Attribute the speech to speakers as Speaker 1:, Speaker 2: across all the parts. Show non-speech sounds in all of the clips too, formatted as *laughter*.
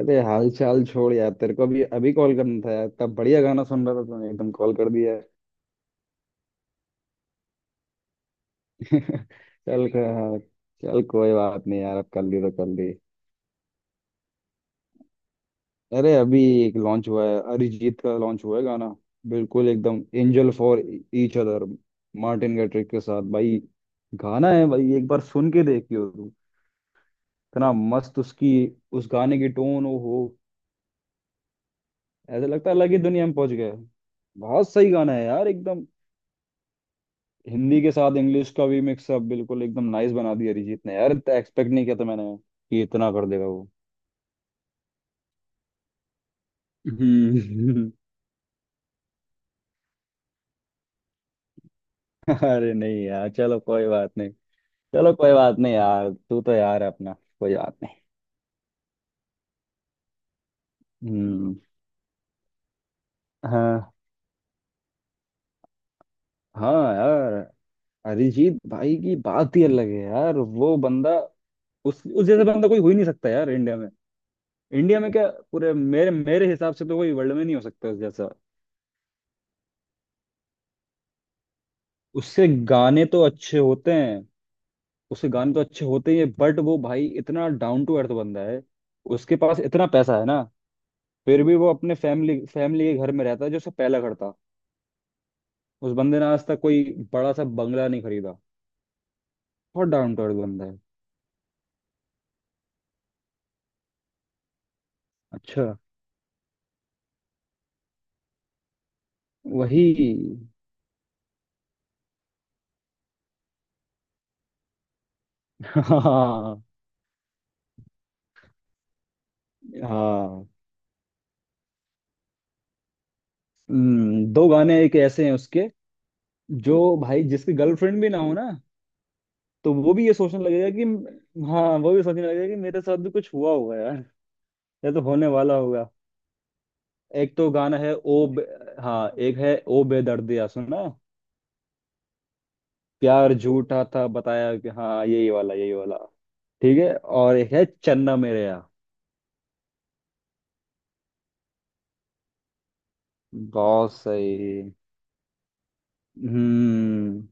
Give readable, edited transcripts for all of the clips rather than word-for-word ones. Speaker 1: अरे हाल चाल छोड़ यार, तेरे को अभी अभी कॉल करना था यार, तब बढ़िया गाना सुन रहा था, तूने एकदम कॉल कर दिया। *laughs* हाँ, चल कोई बात नहीं यार, अब कर ली तो कर ली। अरे अभी एक लॉन्च हुआ है, अरिजीत का लॉन्च हुआ है गाना। बिल्कुल एकदम angel for each other, Martin Garrix के साथ भाई। गाना है भाई, एक बार सुन के देखियो तू। इतना मस्त उसकी, उस गाने की टोन, ओ हो। ऐसा लगता है अलग ही दुनिया में पहुंच गया। बहुत सही गाना है यार एकदम। हिंदी के साथ इंग्लिश का भी मिक्सअप बिल्कुल एकदम नाइस बना दिया अरिजीत ने यार। इतना एक्सपेक्ट नहीं किया था मैंने कि इतना कर देगा वो। हम्म। *laughs* अरे नहीं यार, चलो कोई बात नहीं। चलो कोई बात नहीं यार, तू तो यार है अपना। कोई बात नहीं। हम्म। हाँ। हाँ यार, अरिजीत भाई की बात ही अलग है यार। वो बंदा, उस जैसे बंदा कोई हो ही नहीं सकता यार इंडिया में। इंडिया में क्या, पूरे मेरे मेरे हिसाब से तो कोई वर्ल्ड में नहीं हो सकता उस जैसा। उसके गाने तो अच्छे होते हैं। उसके गाने तो अच्छे होते ही है, बट वो भाई इतना डाउन टू अर्थ बंदा है। उसके पास इतना पैसा है ना, फिर भी वो अपने फैमिली फैमिली के घर में रहता है जो उसका पहला घर था। उस बंदे ने आज तक कोई बड़ा सा बंगला नहीं खरीदा। बहुत डाउन टू अर्थ बंदा है। अच्छा। वही। *laughs* हाँ। हाँ। दो गाने एक ऐसे हैं उसके, जो भाई जिसकी गर्लफ्रेंड भी ना हो ना, तो वो भी ये सोचने लगेगा कि, हाँ वो भी सोचने लगेगा कि मेरे साथ भी कुछ हुआ होगा यार, या तो होने वाला होगा। एक तो गाना है ओ हाँ, एक है ओ बेदर्दिया, सुना है? प्यार झूठा था बताया कि, हाँ यही वाला यही वाला। ठीक है, और एक है चन्ना मेरेया। बहुत सही। हम्म।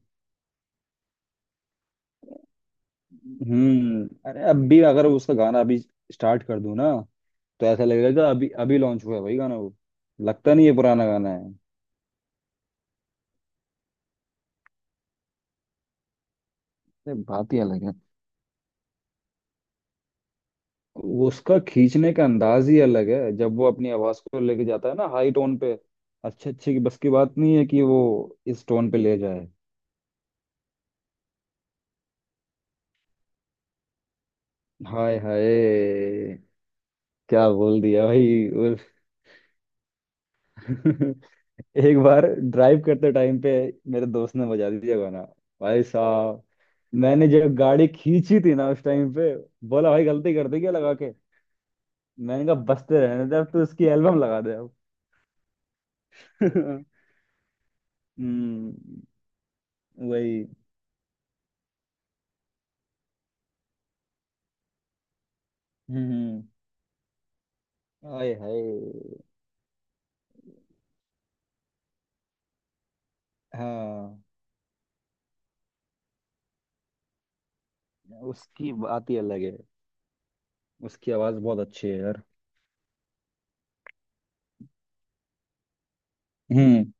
Speaker 1: हम्म, अरे अभी अगर उसका गाना अभी स्टार्ट कर दूं ना, तो ऐसा लगेगा कि अभी अभी लॉन्च हुआ है भाई गाना वो। लगता नहीं है पुराना गाना है। अरे बात ही अलग है। उसका खींचने का अंदाज ही अलग है, जब वो अपनी आवाज को लेके जाता है ना हाई टोन पे। अच्छे अच्छे की बस की बात नहीं है कि वो इस टोन पे ले जाए। हाय हाय, क्या बोल दिया भाई *laughs* एक बार ड्राइव करते टाइम पे मेरे दोस्त ने बजा दिया गाना। भाई साहब, मैंने जब गाड़ी खींची थी ना उस टाइम पे, बोला भाई गलती कर दी क्या लगा के। मैंने कहा बसते रहने दे, अब तो उसकी एल्बम लगा दे अब। *laughs* हम्म। वही। हम्म। हम्म। आए हाय। हाँ, उसकी बात ही अलग है। उसकी आवाज बहुत अच्छी है यार। हम्म।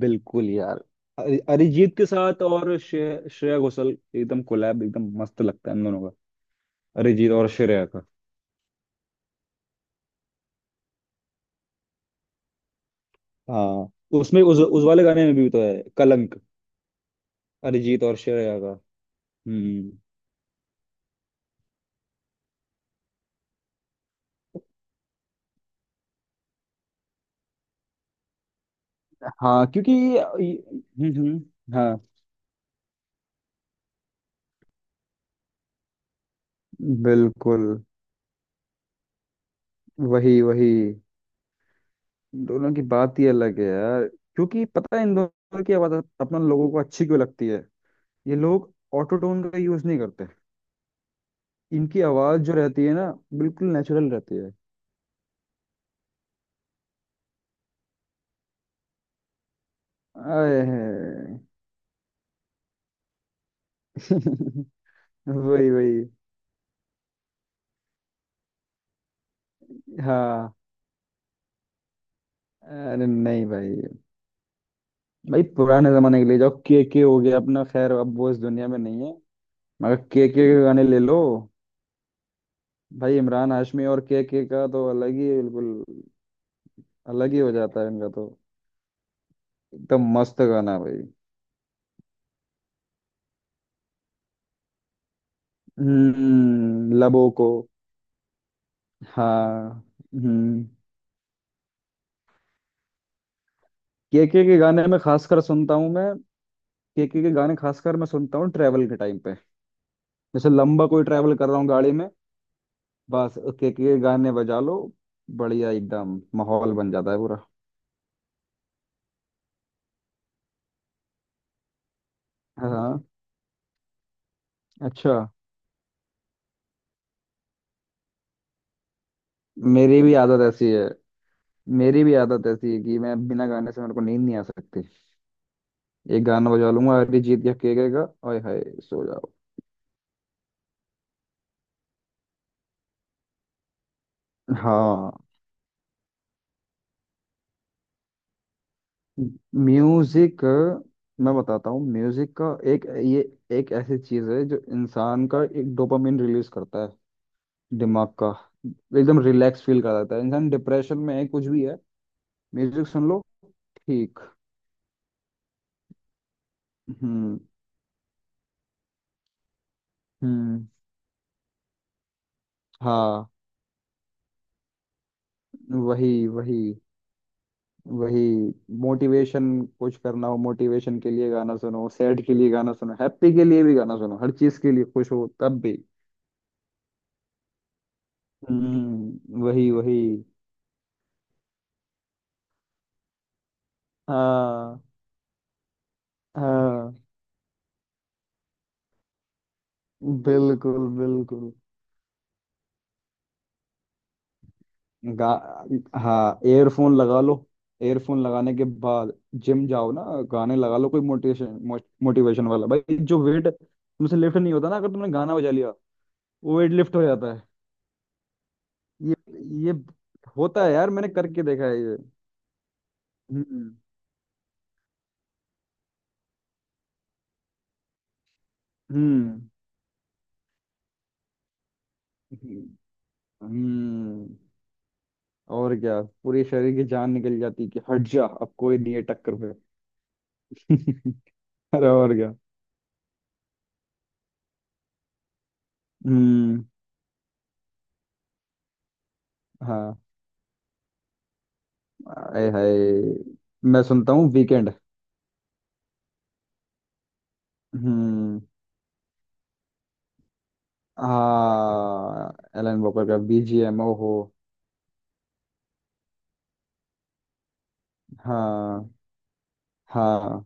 Speaker 1: बिल्कुल यार। अरिजीत के साथ और श्रेया घोषाल एकदम कोलैब, एकदम मस्त लगता है इन दोनों का। अरिजीत और श्रेया का। हाँ, उसमें उस वाले गाने में भी तो है, कलंक। अरिजीत और श्रेया का। हम्म। हाँ, क्योंकि, हम्म। हम्म। हाँ, बिल्कुल। वही वही। दोनों की बात ही अलग है यार। क्योंकि पता है इन दोनों की आवाज अपन लोगों को अच्छी क्यों लगती है, ये लोग ऑटो टोन का यूज नहीं करते। इनकी आवाज जो रहती है ना, बिल्कुल नेचुरल रहती है। आए हैं। *laughs* वही वही। हाँ, अरे नहीं भाई। भाई पुराने जमाने के लिए जाओ, के हो गया अपना, खैर अब वो इस दुनिया में नहीं है, मगर के गाने ले लो। भाई इमरान हाशमी और के का तो अलग ही बिल्कुल, अलग ही हो जाता है इनका तो। एकदम मस्त गाना है भाई। हम्म, लबों को। हाँ। हम्म। केके के गाने में खासकर सुनता हूँ मैं। केके के गाने खासकर मैं सुनता हूँ ट्रैवल के टाइम पे, जैसे लंबा कोई ट्रैवल कर रहा हूँ गाड़ी में, बस केके के गाने बजा लो, बढ़िया एकदम माहौल बन जाता है पूरा। हाँ। अच्छा। मेरी भी आदत ऐसी है। मेरी भी आदत ऐसी है कि मैं बिना गाने से मेरे को नींद नहीं आ सकती। एक गाना बजा लूंगा अरिजीत या केके का, ओए हाय सो जाओ। हाँ। म्यूजिक, मैं बताता हूँ म्यूजिक का एक ये, एक ऐसी चीज है जो इंसान का एक डोपामिन रिलीज करता है, दिमाग का। एकदम रिलैक्स फील कराता है, इंसान डिप्रेशन में है कुछ भी है, म्यूजिक सुन लो। ठीक। हम्म। हम्म। हाँ वही वही वही। मोटिवेशन, कुछ करना हो मोटिवेशन के लिए गाना सुनो, सैड के लिए गाना सुनो, हैप्पी के लिए भी गाना सुनो, हर चीज के लिए, खुश हो तब भी। वही वही। हाँ। हाँ बिल्कुल बिल्कुल। गा, हाँ एयरफोन लगा लो, एयरफोन लगाने के बाद जिम जाओ ना, गाने लगा लो कोई मोटिवेशन, मोटिवेशन वाला भाई। जो वेट तुमसे लिफ्ट नहीं होता ना, अगर तुमने गाना बजा लिया, वो वेट लिफ्ट हो जाता है। ये ये होता है यार, मैंने करके देखा है ये। हम्म। हम्म। हम्म। और क्या, पूरे शरीर की जान निकल जाती है कि हट जा, अब कोई नहीं है टक्कर पे। *laughs* अरे और क्या। हम्म। हाँ। आए हाय, मैं सुनता हूँ वीकेंड। हम्म। हाँ, एलन वॉकर का बीजीएम हो। हाँ। हाँ,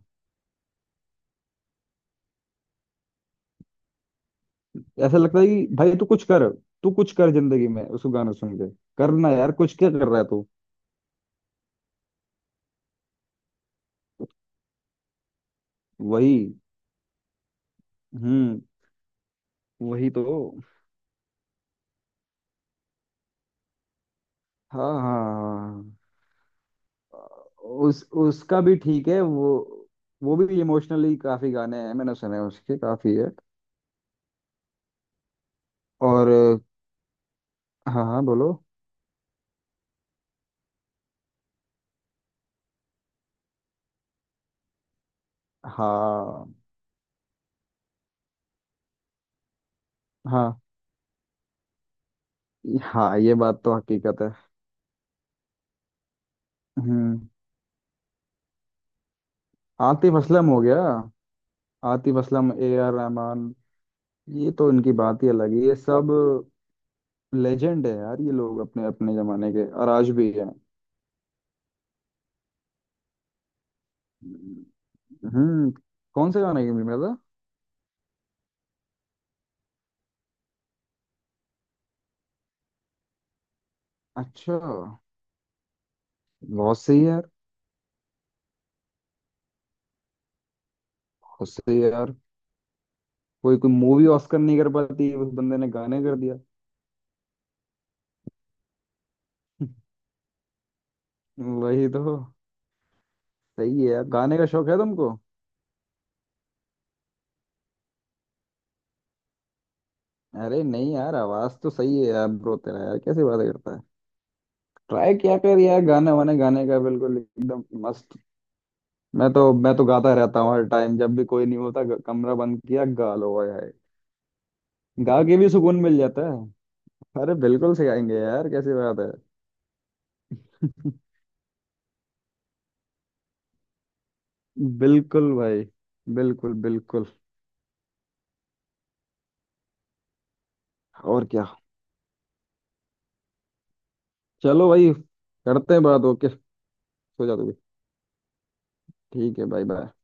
Speaker 1: ऐसा लगता है कि भाई तू कुछ कर, तू कुछ कर जिंदगी में उसको गाना सुन के। करना यार कुछ, क्या कर रहा है तू। वही। हम्म। वही तो। हाँ हाँ हाँ। उस उसका भी ठीक है वो भी इमोशनली काफी गाने हैं, मैंने सुने हैं उसके काफी है। और, हाँ हाँ बोलो। हाँ। हाँ हाँ, ये बात तो हकीकत है। हम्म। आतिफ असलम हो गया, आतिफ असलम, ए आर रहमान। ये तो इनकी बात ही अलग है ये सब, लेजेंड है यार ये लोग अपने अपने जमाने के, और आज भी हैं। हम्म। कौन से गाने की मिल रहा था? अच्छा। बहुत सही है यार। बहुत सही है यार। कोई कोई मूवी ऑस्कर नहीं कर पाती, उस बंदे ने गाने कर दिया। *laughs* वही तो। सही है यार, गाने का शौक है तुमको। अरे नहीं यार, आवाज तो सही है यार, ब्रो तेरा, यार कैसी बातें करता है। ट्राई किया कर यार, गाने वाने, गाने का बिल्कुल एकदम मस्त। मैं तो गाता रहता हूँ हर टाइम, जब भी कोई नहीं होता, कमरा बंद किया गा लो ओए हाय। गा के भी सुकून मिल जाता है। अरे बिल्कुल से गाएंगे यार, कैसी बात है। *laughs* बिल्कुल भाई। बिल्कुल बिल्कुल। और क्या। चलो भाई, करते हैं बात, ओके। सो जा तू भी। ठीक है, बाय बाय।